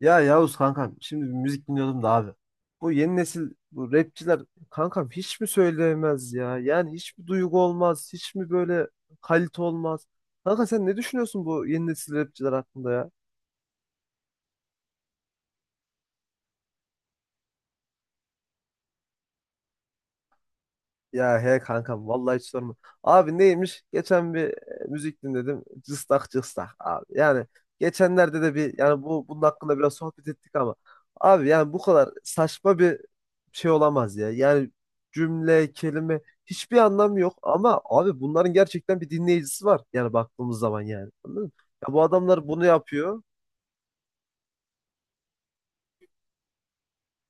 Ya Yavuz kankam şimdi bir müzik dinliyordum da abi. Bu yeni nesil bu rapçiler kankam hiç mi söyleyemez ya? Yani hiç mi duygu olmaz? Hiç mi böyle kalite olmaz? Kanka sen ne düşünüyorsun bu yeni nesil rapçiler hakkında ya? Ya he kankam vallahi hiç sorma. Abi neymiş? Geçen bir müzik dinledim. Cıstak cıstak abi. Yani geçenlerde de bir yani bunun hakkında biraz sohbet ettik ama abi yani bu kadar saçma bir şey olamaz ya. Yani cümle, kelime hiçbir anlamı yok ama abi bunların gerçekten bir dinleyicisi var. Yani baktığımız zaman yani. Anladın mı? Ya bu adamlar bunu yapıyor.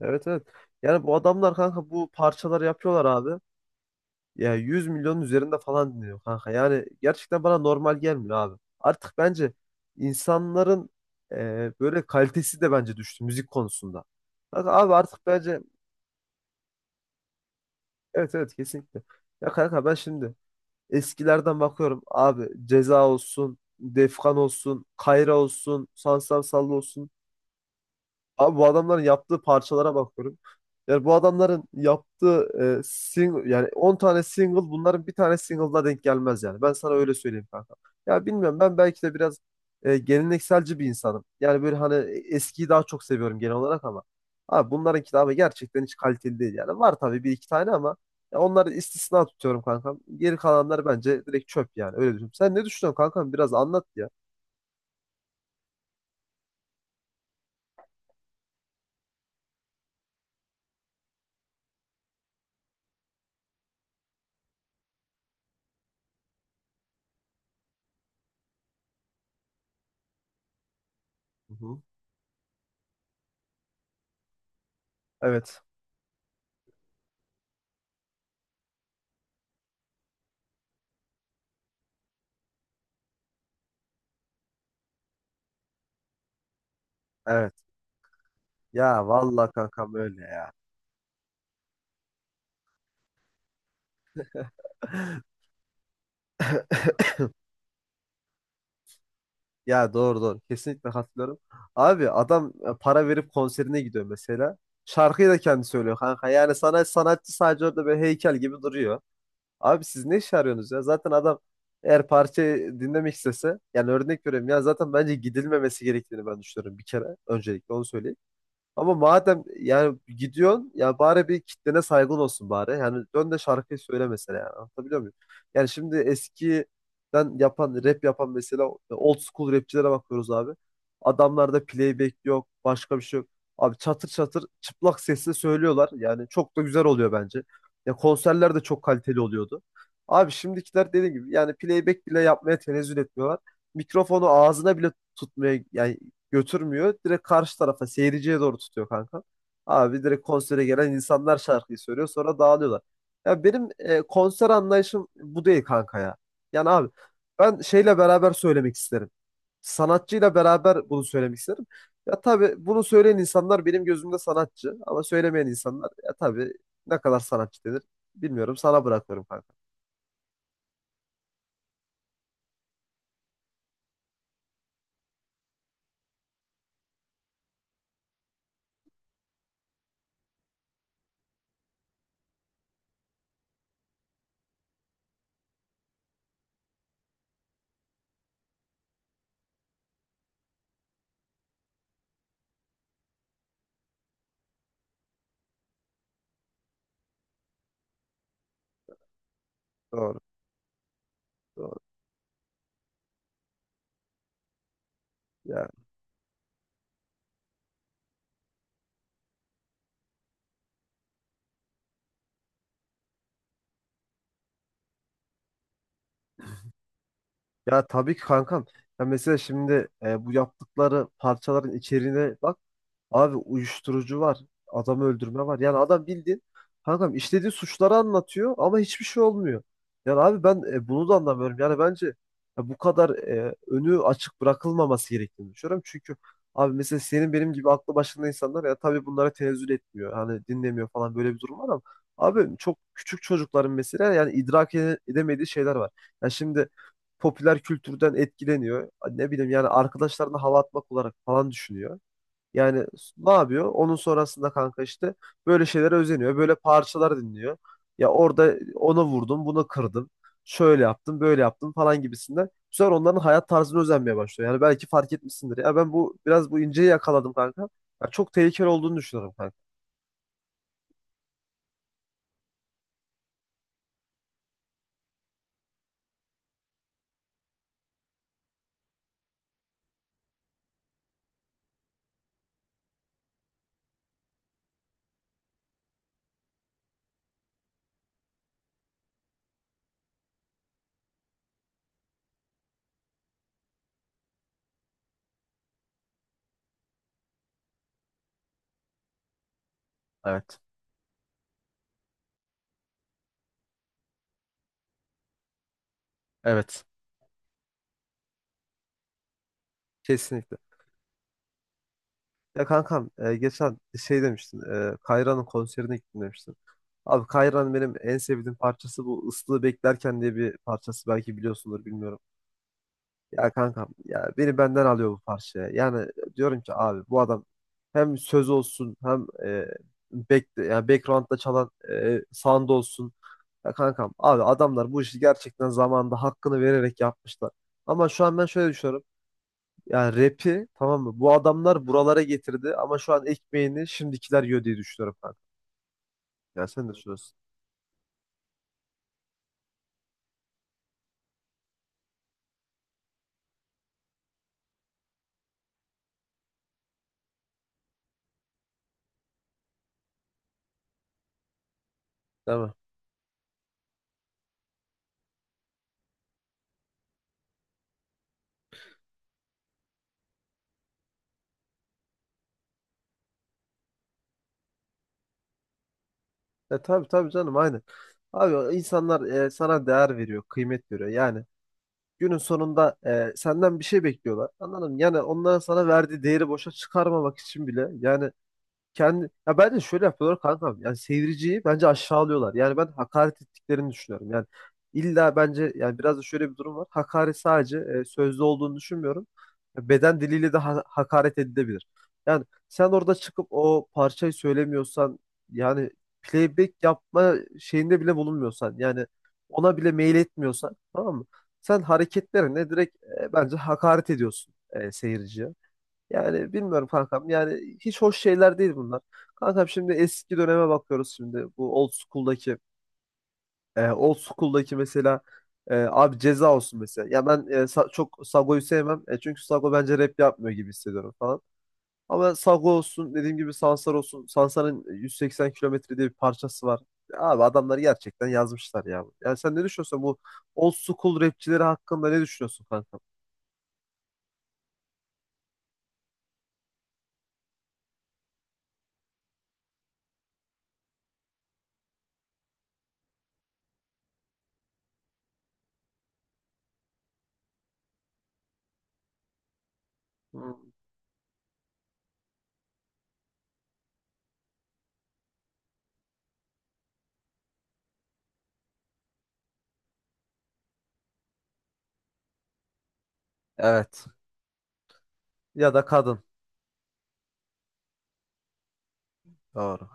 Evet, evet. Yani bu adamlar kanka bu parçaları yapıyorlar abi. Ya 100 milyonun üzerinde falan dinliyor kanka. Yani gerçekten bana normal gelmiyor abi. Artık bence insanların böyle kalitesi de bence düştü müzik konusunda. Kanka abi artık bence evet, evet, kesinlikle. Ya kanka ben şimdi eskilerden bakıyorum abi Ceza olsun, Defkan olsun, Kayra olsun, Sansar Sallı olsun. Abi bu adamların yaptığı parçalara bakıyorum. Yani bu adamların yaptığı single yani 10 tane single bunların bir tane single'la denk gelmez yani. Ben sana öyle söyleyeyim kanka. Ya bilmiyorum, ben belki de biraz gelenekselci bir insanım. Yani böyle hani eskiyi daha çok seviyorum genel olarak ama abi bunların kitabı gerçekten hiç kaliteli değil yani. Var tabii bir iki tane ama ya onları istisna tutuyorum kankam. Geri kalanlar bence direkt çöp, yani öyle düşünüyorum. Sen ne düşünüyorsun kankam? Biraz anlat ya. Hı hı. Evet. Evet. Ya vallahi kankam öyle ya. Ya doğru, doğru. Kesinlikle katılıyorum. Abi adam para verip konserine gidiyor mesela. Şarkıyı da kendi söylüyor kanka. Yani sana sanatçı sadece orada böyle heykel gibi duruyor. Abi siz ne iş arıyorsunuz ya? Zaten adam, eğer parçayı dinlemek istese, yani örnek veriyorum ya, zaten bence gidilmemesi gerektiğini ben düşünüyorum bir kere, öncelikle onu söyleyeyim. Ama madem yani gidiyorsun, ya bari bir kitlene saygın olsun bari. Yani dön de şarkıyı söyle mesela yani. Anlatabiliyor muyum? Yani şimdi eskiden yapan rap yapan mesela old school rapçilere bakıyoruz abi. Adamlarda playback yok, başka bir şey yok. Abi çatır çatır çıplak sesle söylüyorlar. Yani çok da güzel oluyor bence. Ya konserler de çok kaliteli oluyordu. Abi şimdikiler dediğim gibi yani playback bile yapmaya tenezzül etmiyorlar. Mikrofonu ağzına bile tutmaya yani götürmüyor. Direkt karşı tarafa, seyirciye doğru tutuyor kanka. Abi direkt konsere gelen insanlar şarkıyı söylüyor, sonra dağılıyorlar. Ya benim konser anlayışım bu değil kanka ya. Yani abi ben şeyle beraber söylemek isterim. Sanatçıyla beraber bunu söylemek isterim. Ya tabii bunu söyleyen insanlar benim gözümde sanatçı ama söylemeyen insanlar ya tabii ne kadar sanatçı denir bilmiyorum, sana bırakıyorum kanka. Doğru, doğru. Ya Ya tabii ki kankam. Ya mesela şimdi bu yaptıkları parçaların içeriğine bak. Abi uyuşturucu var. Adamı öldürme var. Yani adam bildiğin kankam işlediği suçları anlatıyor ama hiçbir şey olmuyor. Yani abi ben bunu da anlamıyorum. Yani bence bu kadar önü açık bırakılmaması gerektiğini düşünüyorum. Çünkü abi mesela senin benim gibi aklı başında insanlar ya tabii bunlara tenezzül etmiyor. Hani dinlemiyor falan, böyle bir durum var ama abi çok küçük çocukların mesela yani idrak edemediği şeyler var. Ya şimdi popüler kültürden etkileniyor. Ne bileyim yani arkadaşlarına hava atmak olarak falan düşünüyor. Yani ne yapıyor? Onun sonrasında kanka işte böyle şeylere özeniyor. Böyle parçalar dinliyor. Ya orada ona vurdum, bunu kırdım. Şöyle yaptım, böyle yaptım falan gibisinden. Bu sefer onların hayat tarzını özenmeye başlıyor. Yani belki fark etmişsindir. Ya ben bu biraz bu inceyi yakaladım kanka. Ya çok tehlikeli olduğunu düşünüyorum kanka. Evet. Evet. Kesinlikle. Ya kankam geçen şey demiştin. Kayra'nın konserine gittim demiştin. Abi Kayra'nın benim en sevdiğim parçası bu Islığı Beklerken diye bir parçası. Belki biliyorsundur bilmiyorum. Ya kankam ya, beni benden alıyor bu parçaya. Yani diyorum ki abi bu adam hem söz olsun hem yani background'da çalan sound olsun. Ya kankam abi adamlar bu işi gerçekten zamanında hakkını vererek yapmışlar. Ama şu an ben şöyle düşünüyorum. Yani rap'i tamam mı? Bu adamlar buralara getirdi ama şu an ekmeğini şimdikiler yiyor diye düşünüyorum kanka. Yani sen de düşünüyorsun. Değil mi? Tabii tabii canım, aynen. Abi insanlar sana değer veriyor, kıymet veriyor. Yani günün sonunda senden bir şey bekliyorlar. Anladın mı? Yani onların sana verdiği değeri boşa çıkarmamak için bile yani kendi ya bence şöyle yapıyorlar kankam. Yani seyirciyi bence aşağılıyorlar. Yani ben hakaret ettiklerini düşünüyorum. Yani illa bence yani biraz da şöyle bir durum var. Hakaret sadece sözlü olduğunu düşünmüyorum. Beden diliyle de hakaret edilebilir. Yani sen orada çıkıp o parçayı söylemiyorsan, yani playback yapma şeyinde bile bulunmuyorsan, yani ona bile mail etmiyorsan, tamam mı? Sen hareketlerine direkt bence hakaret ediyorsun seyirciye. Yani bilmiyorum kankam. Yani hiç hoş şeyler değil bunlar. Kankam şimdi eski döneme bakıyoruz şimdi. Bu old school'daki mesela abi Ceza olsun mesela. Ya ben çok Sago'yu sevmem. Çünkü Sago bence rap yapmıyor gibi hissediyorum falan. Ama Sago olsun, dediğim gibi Sansar olsun. Sansar'ın 180 kilometre diye bir parçası var. Abi adamlar gerçekten yazmışlar ya. Yani sen ne düşünüyorsun bu old school rapçileri hakkında, ne düşünüyorsun kankam? Hmm. Evet. Ya da kadın. Doğru.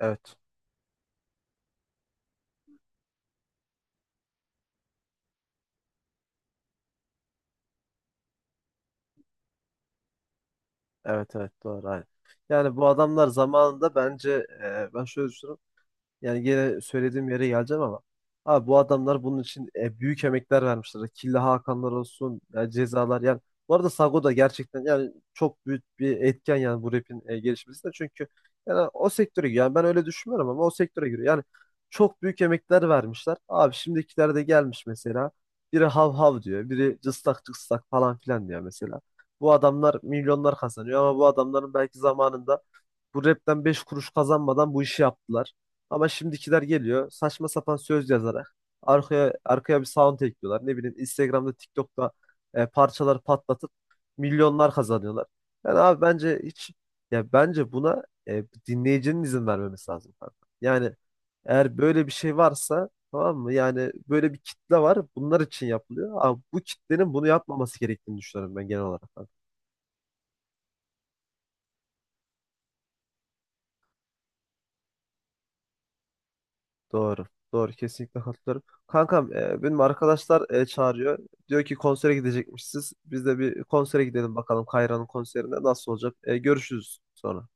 Evet. Evet, evet, doğru, aynen. Yani bu adamlar zamanında bence ben şöyle düşünüyorum. Yani gene söylediğim yere geleceğim ama. Abi bu adamlar bunun için büyük emekler vermişler. Killa Hakanlar olsun, ya cezalar yani. Bu arada Sago da gerçekten yani çok büyük bir etken yani bu rapin gelişmesinde. Çünkü yani o sektöre giriyor. Yani ben öyle düşünmüyorum ama o sektöre giriyor. Yani çok büyük emekler vermişler. Abi şimdikiler de gelmiş mesela. Biri hav hav diyor, biri cıstak cıstak falan filan diyor mesela. Bu adamlar milyonlar kazanıyor ama bu adamların belki zamanında bu rapten 5 kuruş kazanmadan bu işi yaptılar. Ama şimdikiler geliyor, saçma sapan söz yazarak arkaya arkaya bir sound ekliyorlar. Ne bileyim Instagram'da, TikTok'ta parçalar patlatıp milyonlar kazanıyorlar. Yani abi bence hiç, ya bence buna dinleyicinin izin vermemesi lazım kanka. Yani eğer böyle bir şey varsa, tamam mı? Yani böyle bir kitle var. Bunlar için yapılıyor. Ama bu kitlenin bunu yapmaması gerektiğini düşünüyorum ben genel olarak. Doğru. Doğru. Kesinlikle katılıyorum. Kankam benim arkadaşlar çağırıyor. Diyor ki konsere gidecekmişsiniz. Biz de bir konsere gidelim bakalım Kayra'nın konserine nasıl olacak. Görüşürüz sonra.